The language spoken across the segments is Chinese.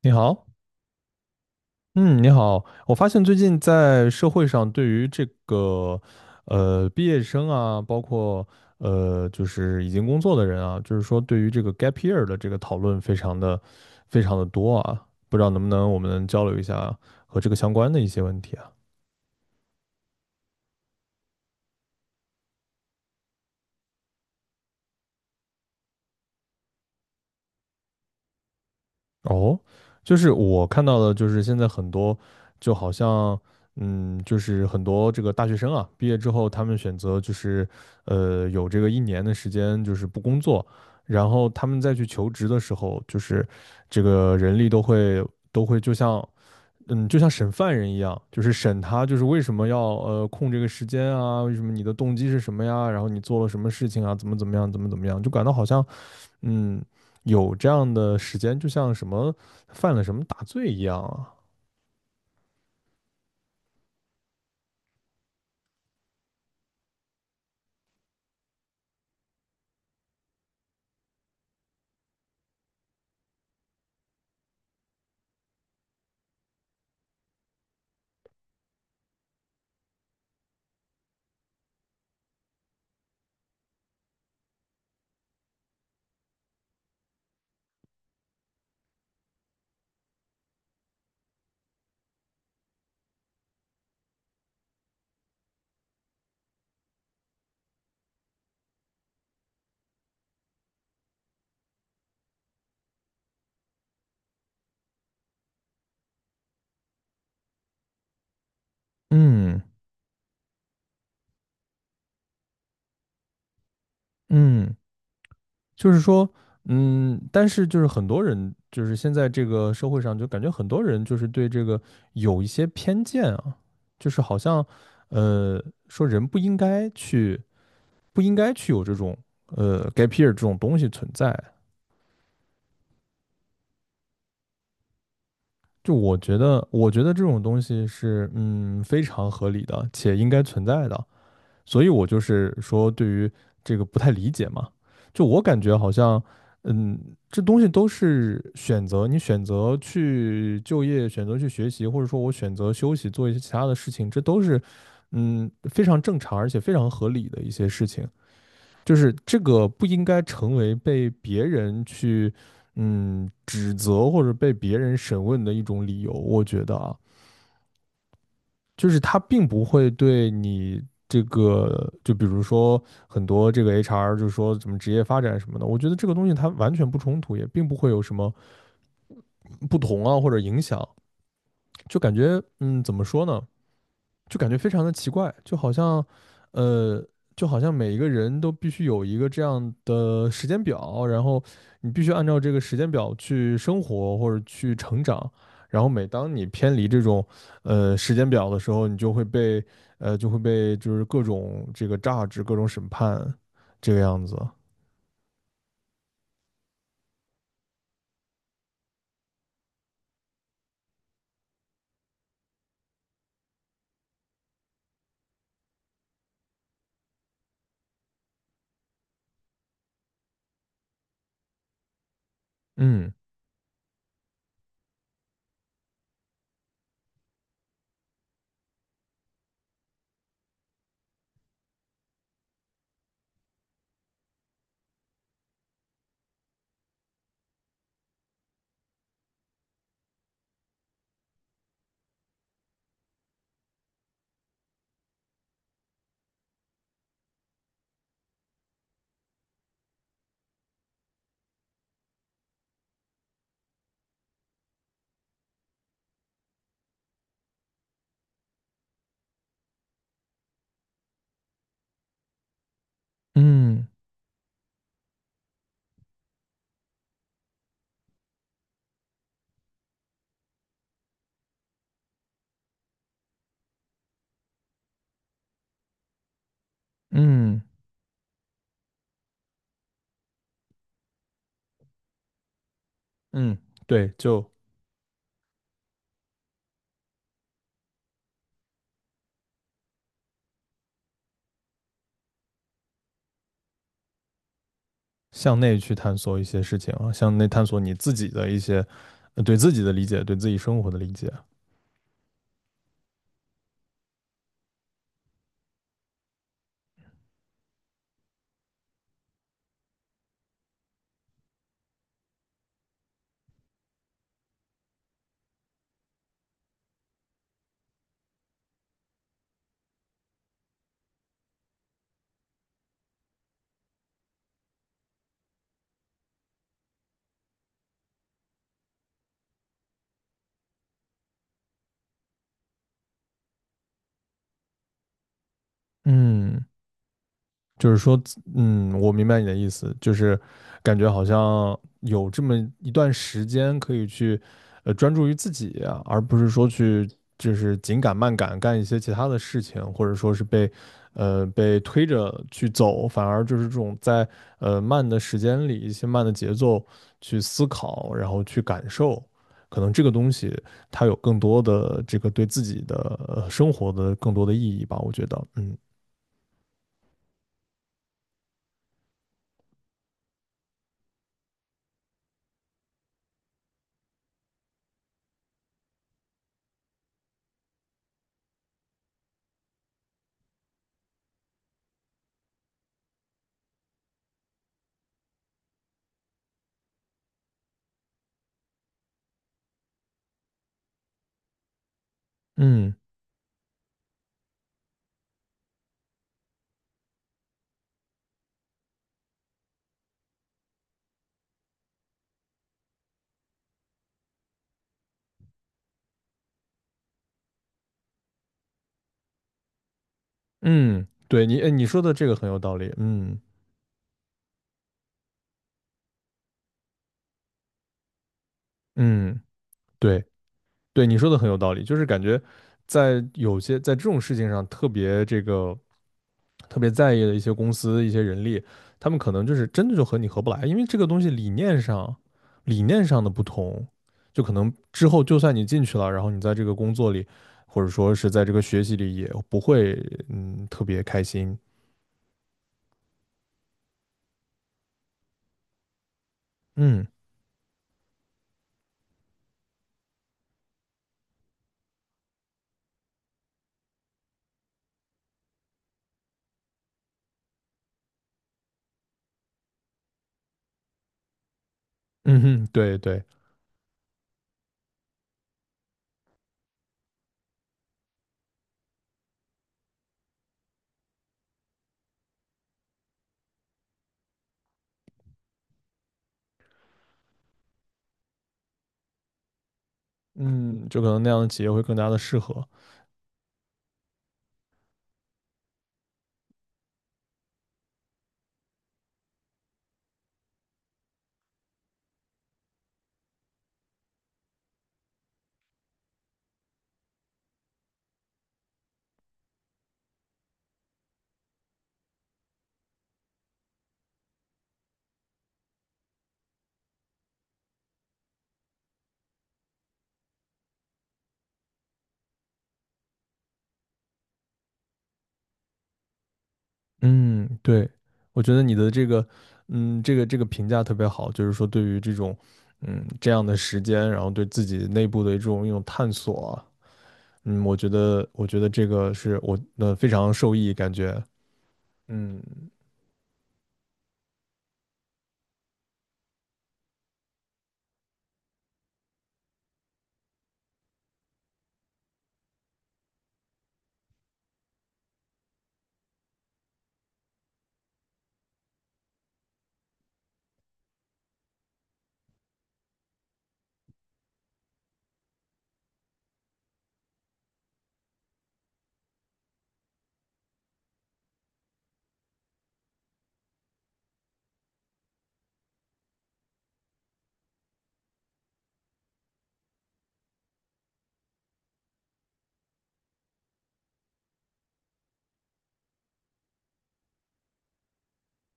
你好。嗯，你好。我发现最近在社会上对于这个，毕业生啊，包括就是已经工作的人啊，就是说对于这个 gap year 的这个讨论非常的多啊。不知道能不能我们交流一下和这个相关的一些问题啊？哦，就是我看到的，就是现在很多，就好像，就是很多这个大学生啊，毕业之后他们选择就是，有这个一年的时间就是不工作，然后他们再去求职的时候，就是这个人力都会就像，就像审犯人一样，就是审他，就是为什么要空这个时间啊，为什么你的动机是什么呀，然后你做了什么事情啊，怎么怎么样，怎么怎么样，就感到好像。嗯，有这样的时间，就像什么犯了什么大罪一样啊。嗯嗯，就是说，但是就是很多人，就是现在这个社会上，就感觉很多人就是对这个有一些偏见啊，就是好像，说人不应该去，不应该去有这种，gap year 这种东西存在。就我觉得，我觉得这种东西是，非常合理的，且应该存在的。所以我就是说对于这个不太理解嘛，就我感觉好像，嗯，这东西都是选择，你选择去就业，选择去学习，或者说我选择休息，做一些其他的事情，这都是，非常正常而且非常合理的一些事情，就是这个不应该成为被别人去，指责或者被别人审问的一种理由，我觉得啊。就是它并不会对你这个，就比如说很多这个 HR 就是说什么职业发展什么的，我觉得这个东西它完全不冲突，也并不会有什么不同啊或者影响，就感觉怎么说呢？就感觉非常的奇怪，就好像，呃，就好像每一个人都必须有一个这样的时间表，然后你必须按照这个时间表去生活或者去成长，然后每当你偏离这种，时间表的时候，你就会被，就会被就是各种这个榨汁、各种审判，这个样子。嗯嗯嗯嗯，对，就向内去探索一些事情啊，向内探索你自己的一些，对自己的理解，对自己生活的理解。嗯，就是说，我明白你的意思，就是感觉好像有这么一段时间可以去，专注于自己啊，而不是说去就是紧赶慢赶干一些其他的事情，或者说是被，被推着去走，反而就是这种在慢的时间里，一些慢的节奏去思考，然后去感受，可能这个东西它有更多的这个对自己的生活的更多的意义吧，我觉得，嗯嗯。嗯，对你，哎，你说的这个很有道理。嗯嗯，对对，你说的很有道理，就是感觉在有些在这种事情上特别这个特别在意的一些公司、一些人力，他们可能就是真的就和你合不来，因为这个东西理念上的不同，就可能之后就算你进去了，然后你在这个工作里，或者说是在这个学习里也不会特别开心。嗯嗯哼，对对，嗯，就可能那样的企业会更加的适合。嗯，对，我觉得你的这个，这个评价特别好，就是说对于这种，这样的时间，然后对自己内部的这种一种探索啊嗯，我觉得，我觉得这个是我非常受益，感觉，嗯，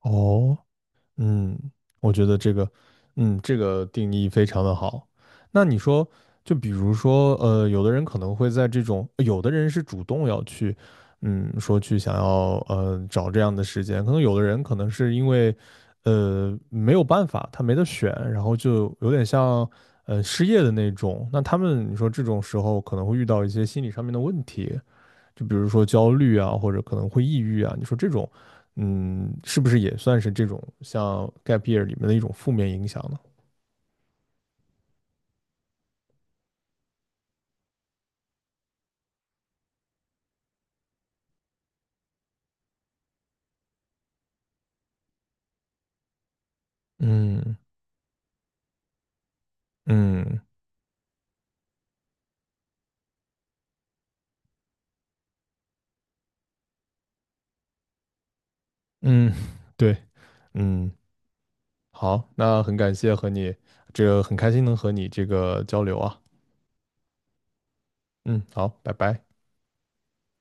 哦，嗯，我觉得这个，这个定义非常的好。那你说，就比如说，有的人可能会在这种，有的人是主动要去，说去想要，找这样的时间，可能有的人可能是因为，没有办法，他没得选，然后就有点像，失业的那种。那他们，你说这种时候可能会遇到一些心理上面的问题，就比如说焦虑啊，或者可能会抑郁啊，你说这种，是不是也算是这种像 gap year 里面的一种负面影响呢？嗯嗯嗯，对，嗯，好，那很感谢和你这个很开心能和你这个交流啊，嗯，好，拜拜。